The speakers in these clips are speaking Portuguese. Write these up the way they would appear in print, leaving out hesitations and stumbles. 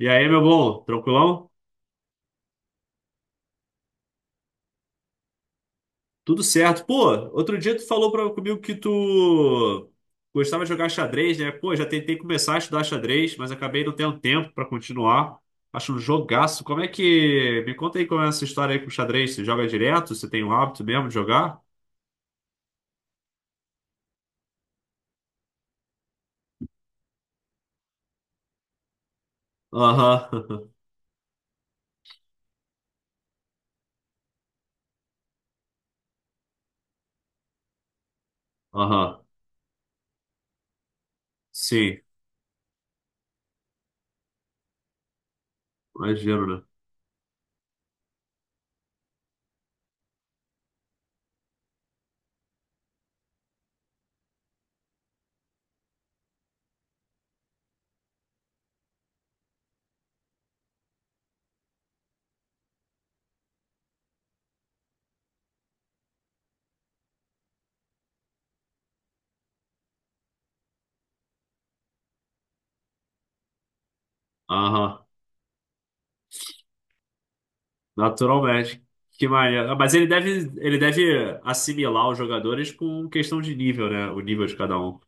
E aí, meu bom, tranquilão? Tudo certo. Pô, outro dia tu falou comigo que tu gostava de jogar xadrez, né? Pô, já tentei começar a estudar xadrez, mas acabei não tendo tempo pra continuar. Acho um jogaço. Como é que. Me conta aí como é essa história aí com xadrez. Você joga direto? Você tem o hábito mesmo de jogar? Aham. Aham. Sim, imagino, né? Aham. Naturalmente. Que maneiro. Ah, mas ele deve assimilar os jogadores com questão de nível, né? O nível de cada um.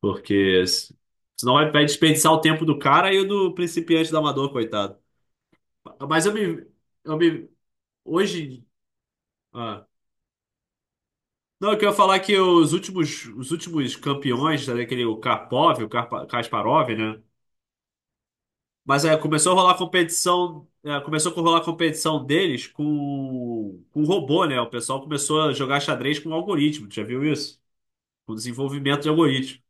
Porque s- Senão vai desperdiçar o tempo do cara e o do principiante do amador, coitado. Mas eu me hoje, ah, não, eu queria falar que os últimos campeões, né, aquele o Karpov, o Kasparov, né? Mas é, começou a rolar competição, é, começou a rolar competição deles com robô, né? O pessoal começou a jogar xadrez com algoritmo, tu já viu isso? Com desenvolvimento de algoritmo.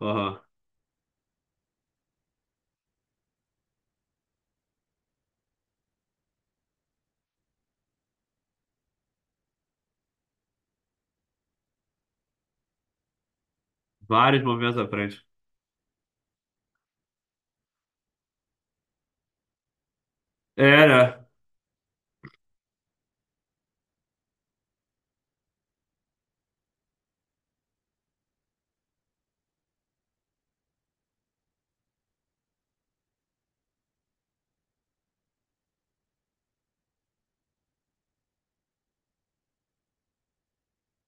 Aham. Vários movimentos à frente. Era.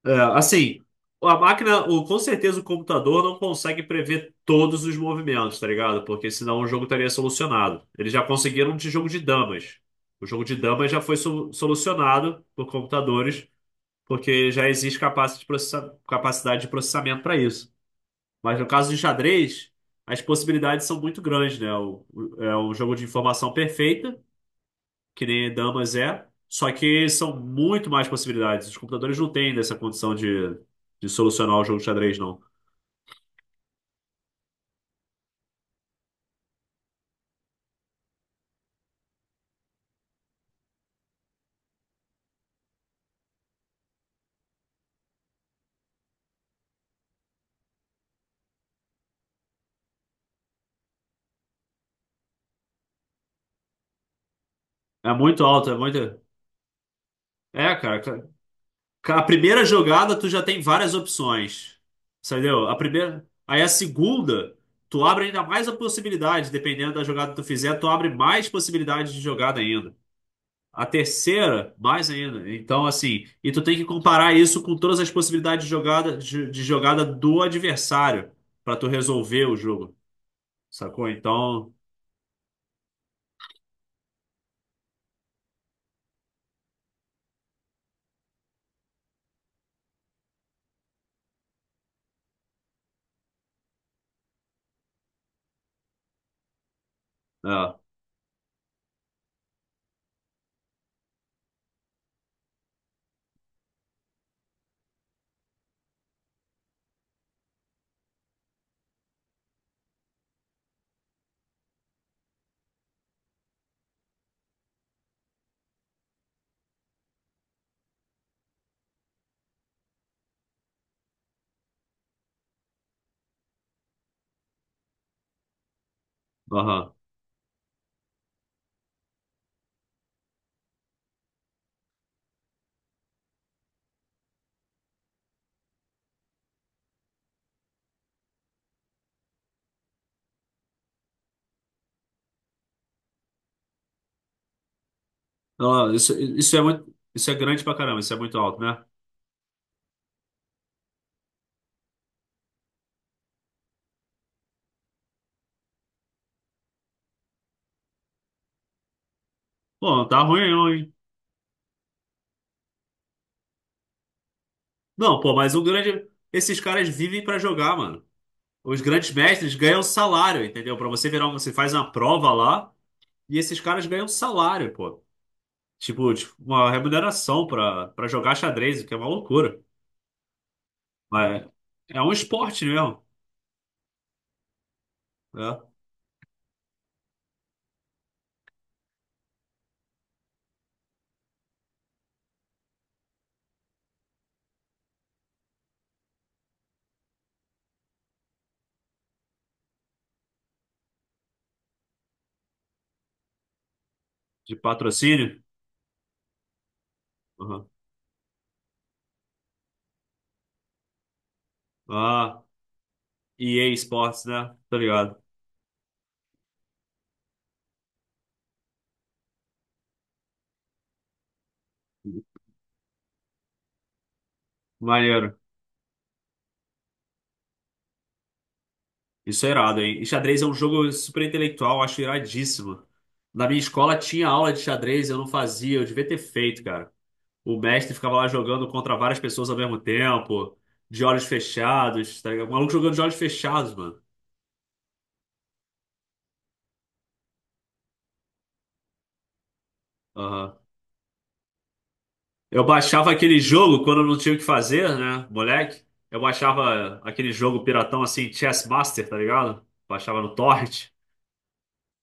É, assim, a máquina, o, com certeza o computador não consegue prever todos os movimentos, tá ligado? Porque senão o jogo estaria solucionado. Eles já conseguiram de jogo de damas. O jogo de damas já foi solucionado por computadores, porque já existe capacidade de processamento para isso. Mas no caso de xadrez, as possibilidades são muito grandes, né? É um jogo de informação perfeita que nem damas é, só que são muito mais possibilidades. Os computadores não têm dessa condição de solucionar o jogo de xadrez, não. É muito alto, é muito. É, cara, a primeira jogada tu já tem várias opções, entendeu? A primeira. Aí a segunda, tu abre ainda mais a possibilidade, dependendo da jogada que tu fizer, tu abre mais possibilidades de jogada ainda. A terceira, mais ainda. Então, assim, e tu tem que comparar isso com todas as possibilidades de jogada, de jogada do adversário para tu resolver o jogo, sacou? Então, é, aham. Não, isso é muito, isso é grande pra caramba, isso é muito alto, né? Pô, não tá ruim não, hein? Não, pô, mas o grande, esses caras vivem pra jogar, mano. Os grandes mestres ganham salário, entendeu? Pra você virar, você faz uma prova lá e esses caras ganham salário, pô. Tipo, tipo uma remuneração pra jogar xadrez, o que é uma loucura. Mas é um esporte mesmo, né? De patrocínio. Uhum. Ah, EA Sports, né? Tô ligado. Maneiro. Isso é irado, hein? E xadrez é um jogo super intelectual, eu acho iradíssimo. Na minha escola tinha aula de xadrez, eu não fazia, eu devia ter feito, cara. O mestre ficava lá jogando contra várias pessoas ao mesmo tempo, de olhos fechados, tá ligado? O maluco jogando de olhos fechados, mano. Aham. Eu baixava aquele jogo quando eu não tinha o que fazer, né, moleque? Eu baixava aquele jogo piratão assim, Chess Master, tá ligado? Baixava no torrent.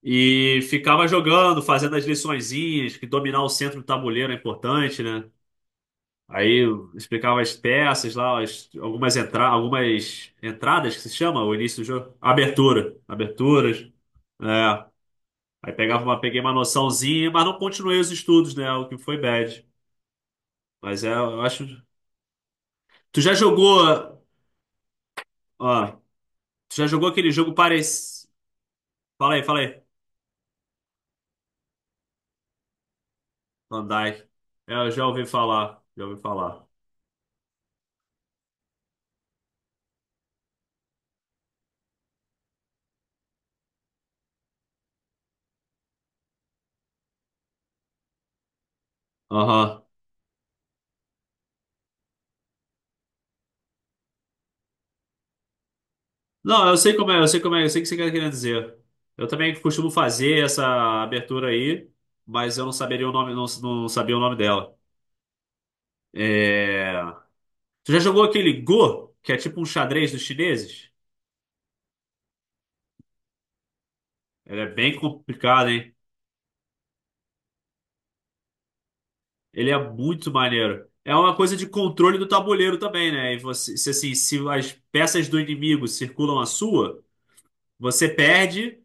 E ficava jogando, fazendo as liçõezinhas, que dominar o centro do tabuleiro é importante, né? Aí eu explicava as peças lá, algumas, entra algumas entradas que se chama, o início do jogo. Abertura. Aberturas. É. Aí pegava uma, peguei uma noçãozinha, mas não continuei os estudos, né? O que foi bad. Mas é, eu acho. Tu já jogou. Ó, tu já jogou aquele jogo parecido. Fala aí, fala aí. Andai. Eu já ouvi falar. Já ouvi falar. Aham. Não, eu sei como é, eu sei como é, eu sei o que você querer dizer. Eu também costumo fazer essa abertura aí, mas eu não saberia o nome, não sabia o nome dela. É... Tu já jogou aquele Go, que é tipo um xadrez dos chineses? Ele é bem complicado, hein? Ele é muito maneiro. É uma coisa de controle do tabuleiro também, né? E você, se, assim, se as peças do inimigo circulam a sua. Você perde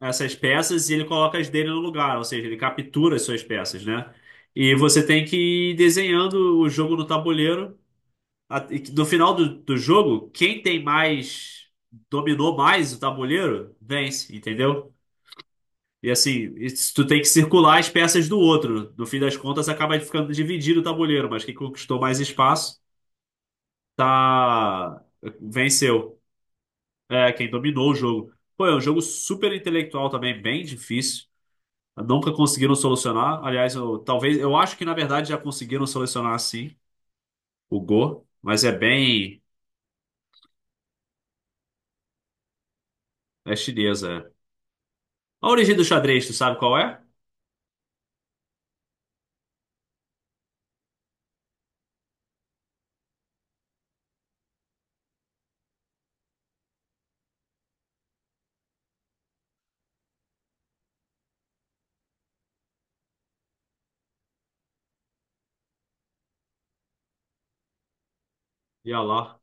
essas peças e ele coloca as dele no lugar, ou seja, ele captura as suas peças, né? E você tem que ir desenhando o jogo no tabuleiro. A- e que No final do jogo, quem tem mais, dominou mais o tabuleiro, vence, entendeu? E assim, tu tem que circular as peças do outro. No fim das contas, acaba ficando dividido o tabuleiro, mas quem conquistou mais espaço tá venceu. É, quem dominou o jogo. Pô, é um jogo super intelectual também, bem difícil. Nunca conseguiram solucionar. Aliás, eu, talvez, eu acho que na verdade já conseguiram solucionar sim, o Go, mas é bem. É chinesa. É. A origem do xadrez, tu sabe qual é? E olha lá,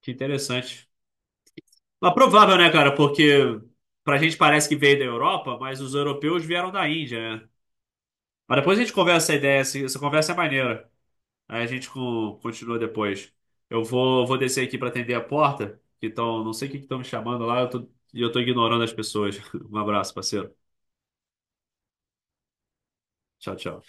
que interessante. Mas provável, né, cara? Porque pra gente parece que veio da Europa, mas os europeus vieram da Índia, né? Mas depois a gente conversa essa ideia, essa conversa é maneira. Aí a gente continua depois. Eu vou, vou descer aqui pra atender a porta, que tão, não sei o que estão me chamando lá, eu tô ignorando as pessoas. Um abraço, parceiro. Tchau, tchau.